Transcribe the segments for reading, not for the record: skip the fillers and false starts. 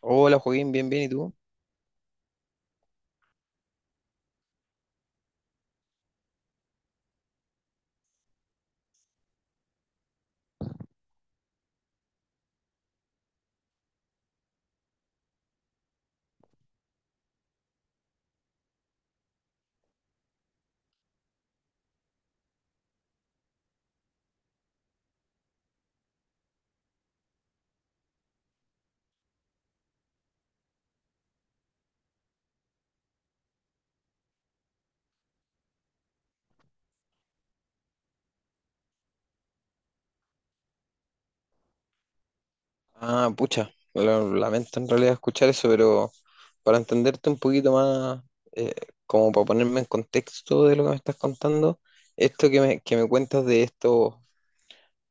Hola Joaquín, bien, bien, ¿y tú? Ah, pucha, lamento en realidad escuchar eso, pero para entenderte un poquito más, eh, como para ponerme en contexto de lo que me estás contando, esto que me cuentas de estos,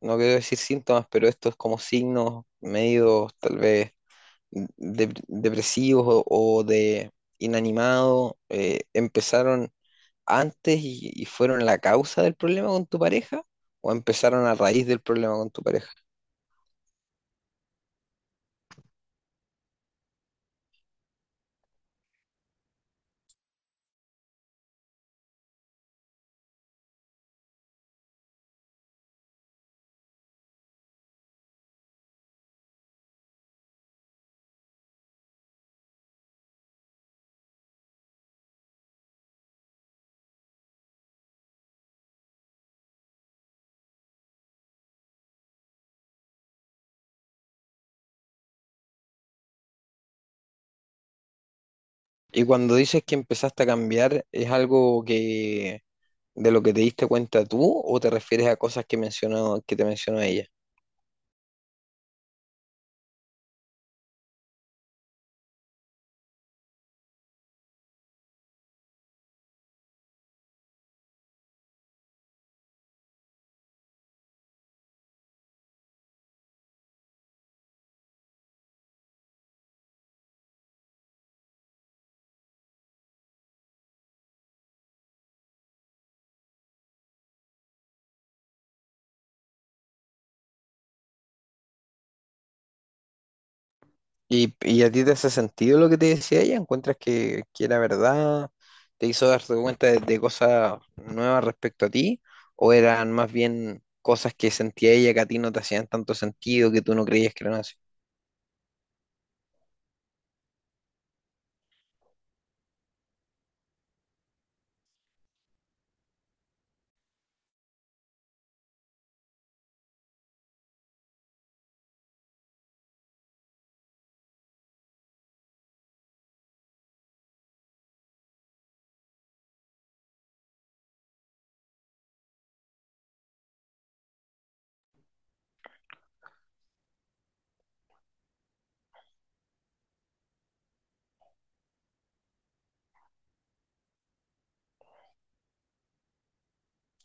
no quiero decir síntomas, pero estos como signos medios tal vez depresivos o de inanimado, ¿empezaron antes y fueron la causa del problema con tu pareja? ¿O empezaron a raíz del problema con tu pareja? Y cuando dices que empezaste a cambiar, ¿es algo que de lo que te diste cuenta tú o te refieres a cosas que te mencionó ella? Y a ti te hace sentido lo que te decía ella? ¿Encuentras que era verdad? ¿Te hizo darte cuenta de cosas nuevas respecto a ti? ¿O eran más bien cosas que sentía ella que a ti no te hacían tanto sentido, que tú no creías que eran así?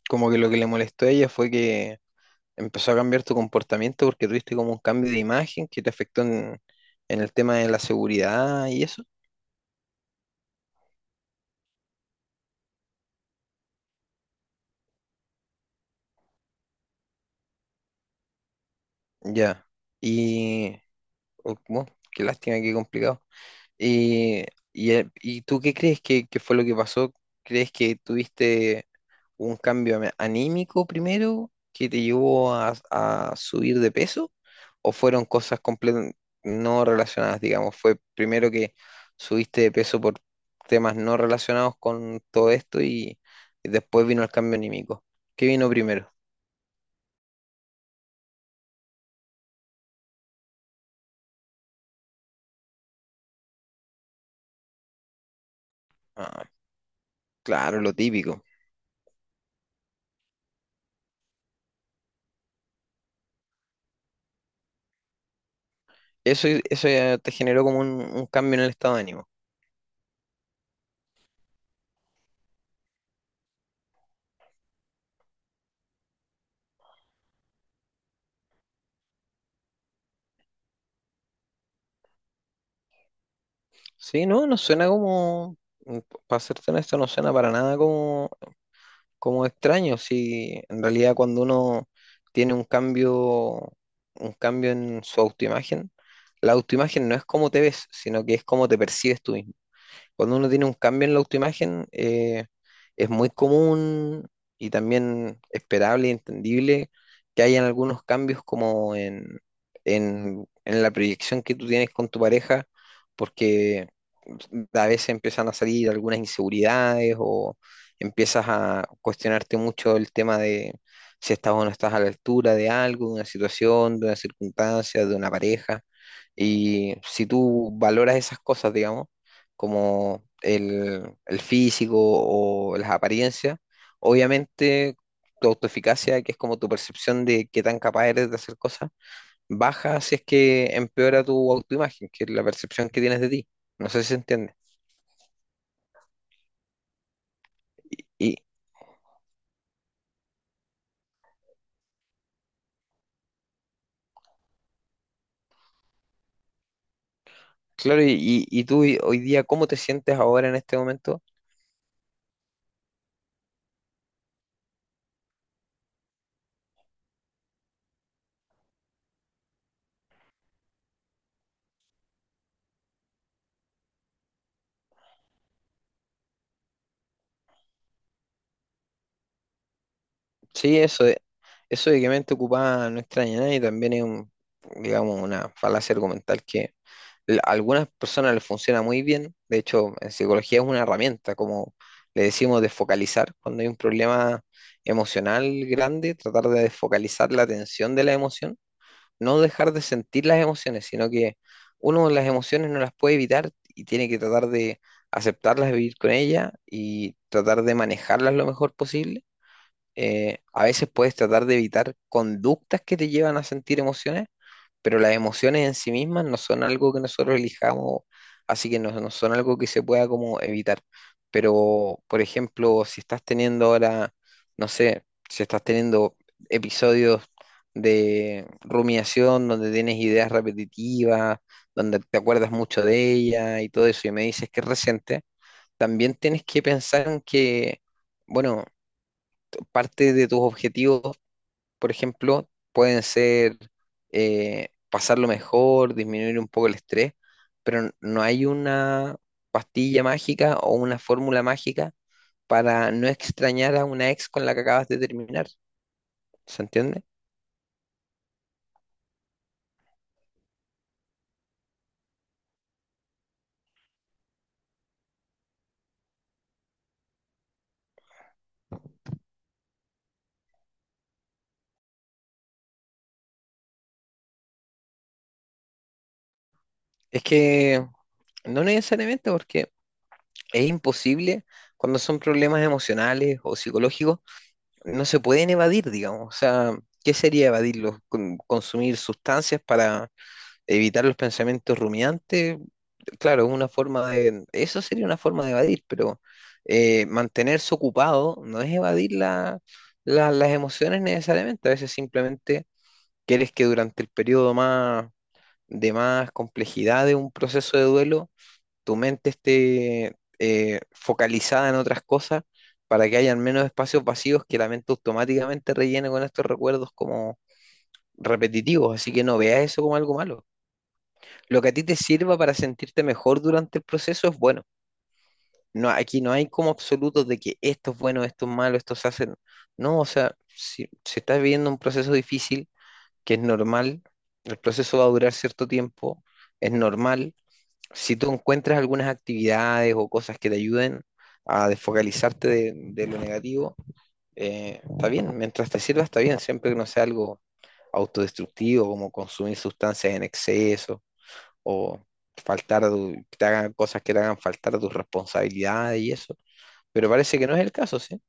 Como que lo que le molestó a ella fue que empezó a cambiar tu comportamiento porque tuviste como un cambio de imagen que te afectó en el tema de la seguridad y eso. Ya. Y, oh, bueno, qué lástima, qué complicado. ¿Y, ¿Y tú qué crees que fue lo que pasó? ¿Crees que tuviste un cambio anímico primero que te llevó a subir de peso? ¿O fueron cosas completamente no relacionadas, digamos? ¿Fue primero que subiste de peso por temas no relacionados con todo esto y después vino el cambio anímico? ¿Qué vino primero? Ah, claro, lo típico. Eso ya te generó como un cambio en el estado de ánimo. Sí, no, no suena como, para serte honesto, no suena para nada como, como extraño. Si en realidad cuando uno tiene un cambio en su autoimagen, la autoimagen no es cómo te ves, sino que es cómo te percibes tú mismo. Cuando uno tiene un cambio en la autoimagen, es muy común y también esperable y entendible que hayan algunos cambios como en la proyección que tú tienes con tu pareja, porque a veces empiezan a salir algunas inseguridades o empiezas a cuestionarte mucho el tema de si estás o no estás a la altura de algo, de una situación, de una circunstancia, de una pareja. Y si tú valoras esas cosas, digamos, como el físico o las apariencias. Obviamente, tu autoeficacia, que es como tu percepción de qué tan capaz eres de hacer cosas, baja si es que empeora tu autoimagen, que es la percepción que tienes de ti. No sé si se entiende. Y claro, hoy día, ¿cómo te sientes ahora en este momento? Sí, eso eso de que mente ocupada no extraña a nadie también es un, digamos, una falacia argumental que a algunas personas les funciona muy bien. De hecho, en psicología es una herramienta, como le decimos, de focalizar. Cuando hay un problema emocional grande, tratar de desfocalizar la atención de la emoción, no dejar de sentir las emociones, sino que uno las emociones no las puede evitar y tiene que tratar de aceptarlas, vivir con ellas y tratar de manejarlas lo mejor posible. A veces puedes tratar de evitar conductas que te llevan a sentir emociones, pero las emociones en sí mismas no son algo que nosotros elijamos, así que no, no son algo que se pueda como evitar. Pero, por ejemplo, si estás teniendo ahora, no sé, si estás teniendo episodios de rumiación donde tienes ideas repetitivas, donde te acuerdas mucho de ella y todo eso, y me dices que es reciente, también tienes que pensar en que, bueno, parte de tus objetivos, por ejemplo, pueden ser pasarlo mejor, disminuir un poco el estrés, pero no hay una pastilla mágica o una fórmula mágica para no extrañar a una ex con la que acabas de terminar. ¿Se entiende? Es que no necesariamente porque es imposible cuando son problemas emocionales o psicológicos, no se pueden evadir, digamos. O sea, ¿qué sería evadirlos? Consumir sustancias para evitar los pensamientos rumiantes, claro, es una forma de, eso sería una forma de evadir, pero mantenerse ocupado no es evadir las emociones necesariamente, a veces simplemente quieres que durante el periodo más, de más complejidad de un proceso de duelo, tu mente esté focalizada en otras cosas para que hayan menos espacios vacíos que la mente automáticamente rellene con estos recuerdos como repetitivos, así que no veas eso como algo malo. Lo que a ti te sirva para sentirte mejor durante el proceso es bueno. No, aquí no hay como absolutos de que esto es bueno, esto es malo, esto se hace. No, No, o sea, si, si estás viviendo un proceso difícil, que es normal, el proceso va a durar cierto tiempo, es normal. Si tú encuentras algunas actividades o cosas que te ayuden a desfocalizarte de lo negativo, está bien, mientras te sirva está bien, siempre que no sea algo autodestructivo, como consumir sustancias en exceso o faltar, te hagan cosas que te hagan faltar tus responsabilidades y eso. Pero parece que no es el caso, ¿sí?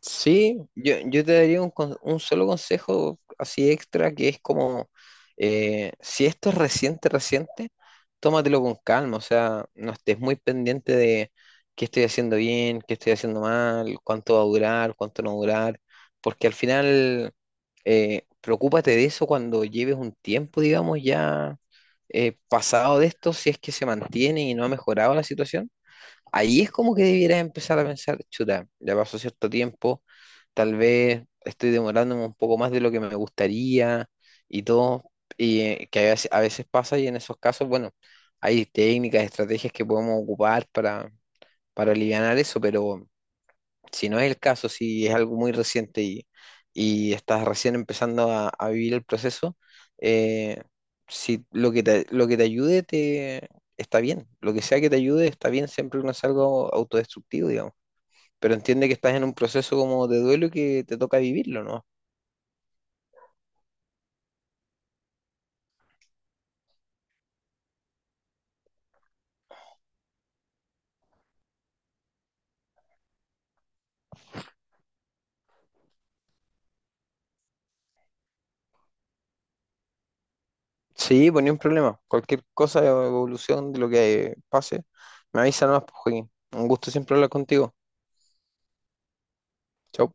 Sí, yo te daría un, un solo consejo así extra que es como, si esto es reciente, reciente, tómatelo con calma, o sea, no estés muy pendiente de qué estoy haciendo bien, qué estoy haciendo mal, cuánto va a durar, cuánto no va a durar, porque al final, preocúpate de eso cuando lleves un tiempo, digamos, ya pasado de esto, si es que se mantiene y no ha mejorado la situación. Ahí es como que debieras empezar a pensar, chuta, ya pasó cierto tiempo, tal vez estoy demorándome un poco más de lo que me gustaría y todo, y que a veces pasa y en esos casos, bueno, hay técnicas, estrategias que podemos ocupar para alivianar eso, pero si no es el caso, si es algo muy reciente y estás recién empezando a vivir el proceso, eh, si lo que te ayude te, está bien, lo que sea que te ayude está bien, siempre que no es algo autodestructivo, digamos. Pero entiende que estás en un proceso como de duelo y que te toca vivirlo, ¿no? Sí, pues ni un problema. Cualquier cosa, evolución de lo que pase, me avisa nomás, pues, Joaquín. Un gusto siempre hablar contigo. Chau.